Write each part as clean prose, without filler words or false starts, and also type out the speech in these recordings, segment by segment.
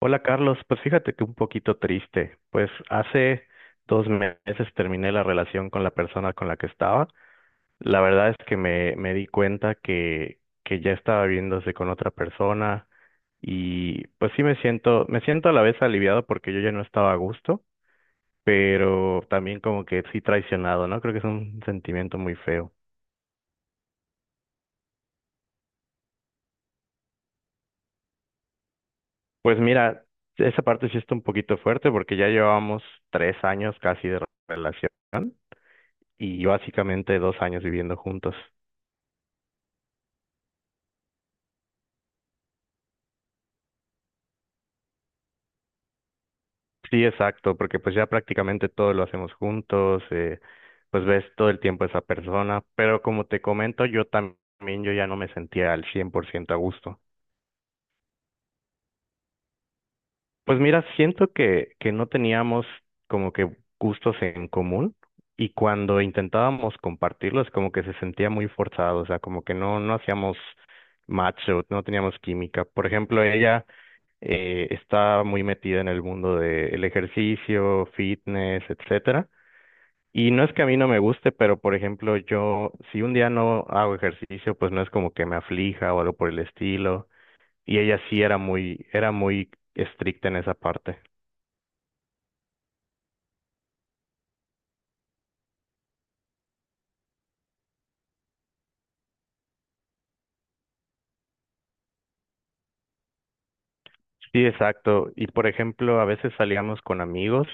Hola Carlos, pues fíjate que un poquito triste, pues hace 2 meses terminé la relación con la persona con la que estaba. La verdad es que me di cuenta que ya estaba viéndose con otra persona y pues sí me siento a la vez aliviado porque yo ya no estaba a gusto, pero también como que sí traicionado, ¿no? Creo que es un sentimiento muy feo. Pues mira, esa parte sí está un poquito fuerte porque ya llevábamos 3 años casi de relación. Y básicamente 2 años viviendo juntos. Sí, exacto, porque pues ya prácticamente todo lo hacemos juntos, pues ves todo el tiempo a esa persona, pero como te comento, yo también yo ya no me sentía al 100% a gusto. Pues mira, siento que no teníamos como que gustos en común y cuando intentábamos compartirlos como que se sentía muy forzado, o sea, como que no hacíamos match o no teníamos química. Por ejemplo, ella está muy metida en el mundo del ejercicio, fitness, etcétera. Y no es que a mí no me guste, pero por ejemplo, yo si un día no hago ejercicio, pues no es como que me aflija o algo por el estilo. Y ella sí era muy estricta en esa parte. Sí, exacto. Y por ejemplo, a veces salíamos con amigos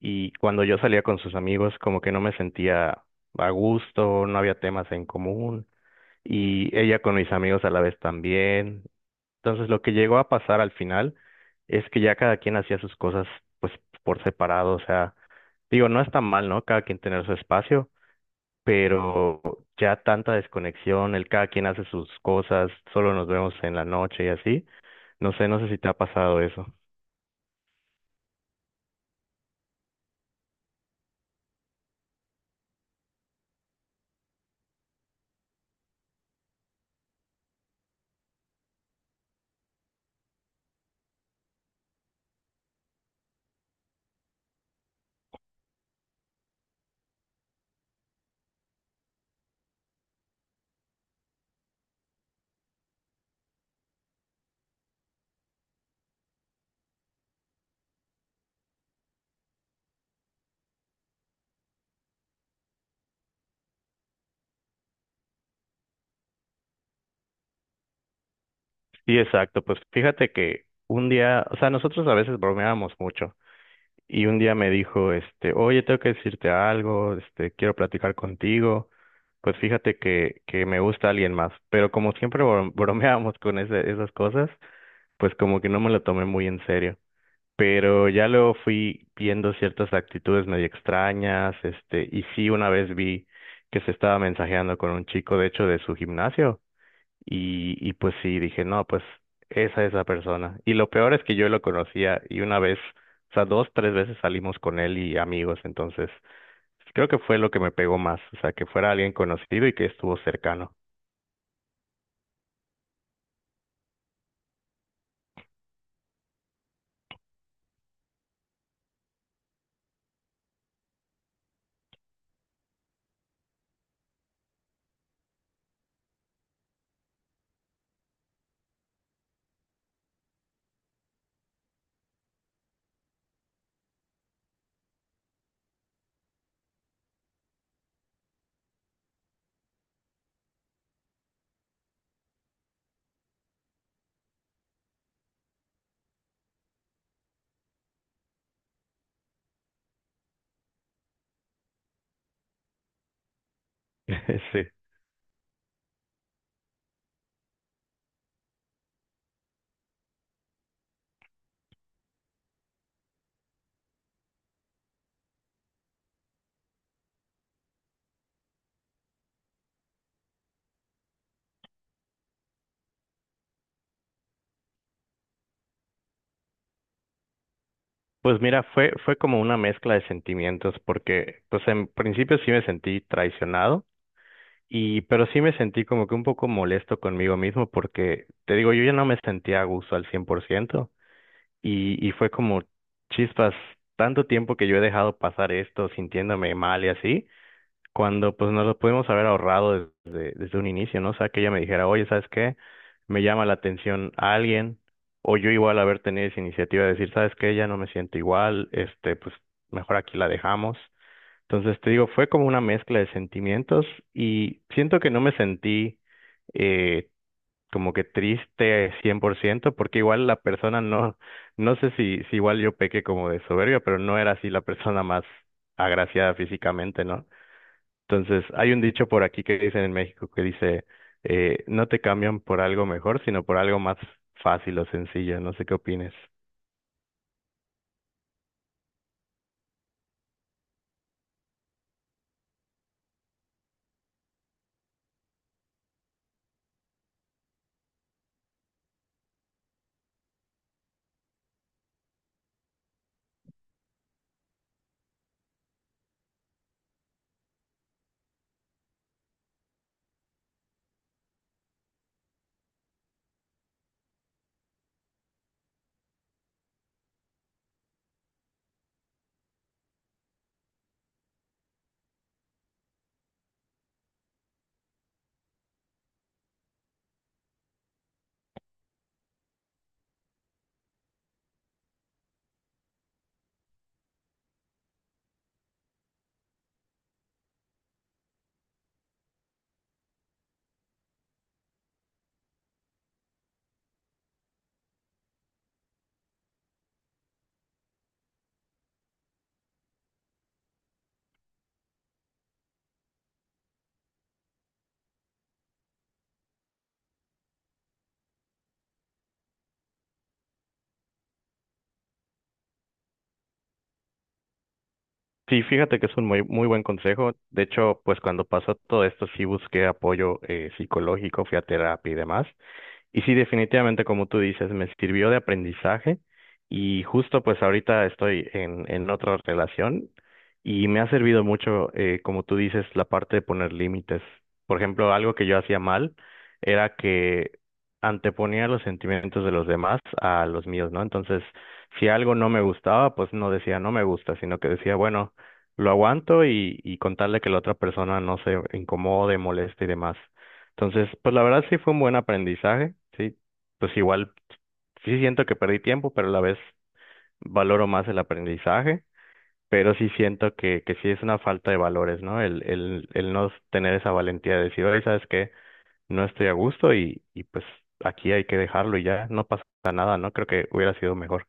y cuando yo salía con sus amigos, como que no me sentía a gusto, no había temas en común. Y ella con mis amigos a la vez también. Entonces, lo que llegó a pasar al final es que ya cada quien hacía sus cosas pues por separado, o sea, digo, no está mal, ¿no? Cada quien tener su espacio, pero ya tanta desconexión, el cada quien hace sus cosas, solo nos vemos en la noche y así. No sé si te ha pasado eso. Sí, exacto, pues fíjate que un día, o sea, nosotros a veces bromeábamos mucho. Y un día me dijo, este, oye, tengo que decirte algo, este, quiero platicar contigo. Pues fíjate que me gusta alguien más, pero como siempre bromeábamos con esas cosas, pues como que no me lo tomé muy en serio. Pero ya luego fui viendo ciertas actitudes medio extrañas, este, y sí una vez vi que se estaba mensajeando con un chico, de hecho, de su gimnasio. Y pues sí, dije, no, pues esa es la persona. Y lo peor es que yo lo conocía y una vez, o sea, dos, tres veces salimos con él y amigos, entonces creo que fue lo que me pegó más, o sea, que fuera alguien conocido y que estuvo cercano. Sí. Pues mira, fue como una mezcla de sentimientos porque pues en principio sí me sentí traicionado y pero sí me sentí como que un poco molesto conmigo mismo porque te digo, yo ya no me sentía a gusto al 100%. Y fue como chispas, tanto tiempo que yo he dejado pasar esto sintiéndome mal y así, cuando pues nos lo pudimos haber ahorrado desde un inicio, ¿no? O sea, que ella me dijera, oye, ¿sabes qué? Me llama la atención a alguien, o yo igual haber tenido esa iniciativa de decir, ¿sabes qué? Ya no me siento igual, este, pues mejor aquí la dejamos. Entonces te digo, fue como una mezcla de sentimientos y siento que no me sentí eh, como que triste 100% porque igual la persona no, no sé si igual yo pequé como de soberbia, pero no era así la persona más agraciada físicamente, ¿no? Entonces, hay un dicho por aquí que dicen en México que dice, no te cambian por algo mejor, sino por algo más fácil o sencillo, no sé qué opines. Sí, fíjate que es un muy, muy buen consejo. De hecho, pues cuando pasó todo esto, sí busqué apoyo psicológico, fui a terapia y demás. Y sí, definitivamente, como tú dices, me sirvió de aprendizaje y justo pues ahorita estoy en otra relación y me ha servido mucho, como tú dices, la parte de poner límites. Por ejemplo, algo que yo hacía mal era que anteponía los sentimientos de los demás a los míos, ¿no? Entonces, si algo no me gustaba, pues no decía no me gusta, sino que decía, bueno, lo aguanto y contarle que la otra persona no se incomode, moleste y demás. Entonces, pues la verdad sí fue un buen aprendizaje, sí. Pues igual sí siento que perdí tiempo, pero a la vez valoro más el aprendizaje, pero sí siento que sí es una falta de valores, ¿no? El no tener esa valentía de decir, oye, ¿sabes qué? No estoy a gusto y pues aquí hay que dejarlo y ya, no pasa nada, ¿no? Creo que hubiera sido mejor.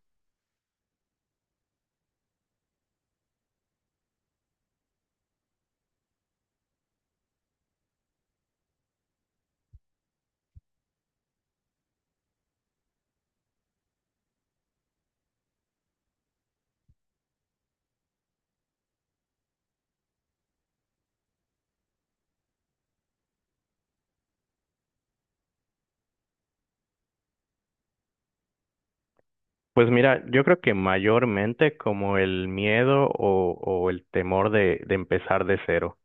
Pues mira, yo creo que mayormente como el miedo o el temor de empezar de cero.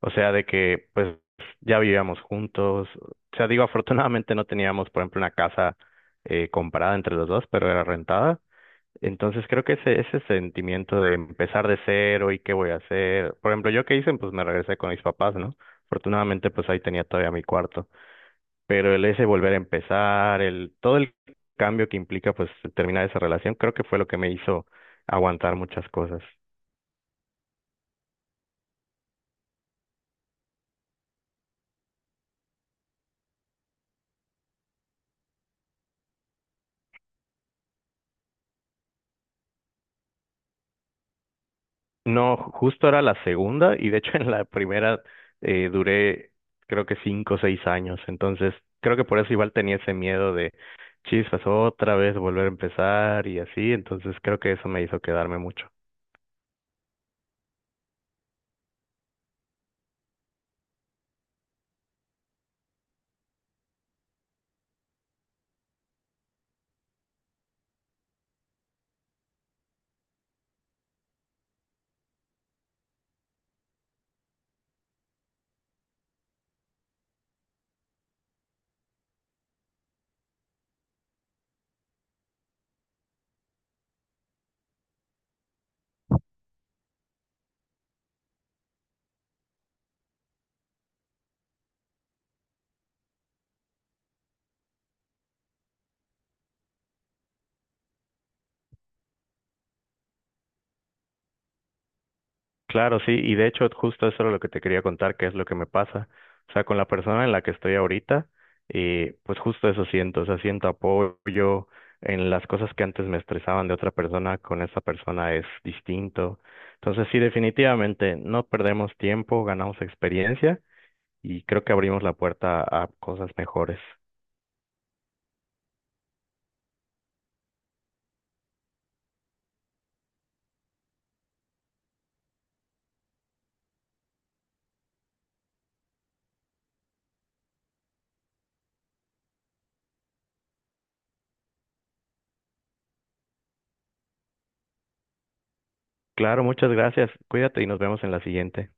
O sea, de que pues ya vivíamos juntos. O sea, digo, afortunadamente no teníamos, por ejemplo, una casa comprada entre los dos, pero era rentada. Entonces creo que ese sentimiento de empezar de cero y qué voy a hacer. Por ejemplo, yo qué hice, pues me regresé con mis papás, ¿no? Afortunadamente, pues ahí tenía todavía mi cuarto. Pero el ese volver a empezar, el, todo el cambio que implica, pues, terminar esa relación, creo que fue lo que me hizo aguantar muchas cosas. No, justo era la segunda y de hecho en la primera duré creo que 5 o 6 años, entonces creo que por eso igual tenía ese miedo de chispas otra vez volver a empezar y así, entonces creo que eso me hizo quedarme mucho. Claro, sí, y de hecho justo eso era lo que te quería contar, que es lo que me pasa. O sea, con la persona en la que estoy ahorita, y pues justo eso siento, o sea, siento apoyo en las cosas que antes me estresaban de otra persona, con esa persona es distinto. Entonces, sí, definitivamente no perdemos tiempo, ganamos experiencia y creo que abrimos la puerta a cosas mejores. Claro, muchas gracias. Cuídate y nos vemos en la siguiente.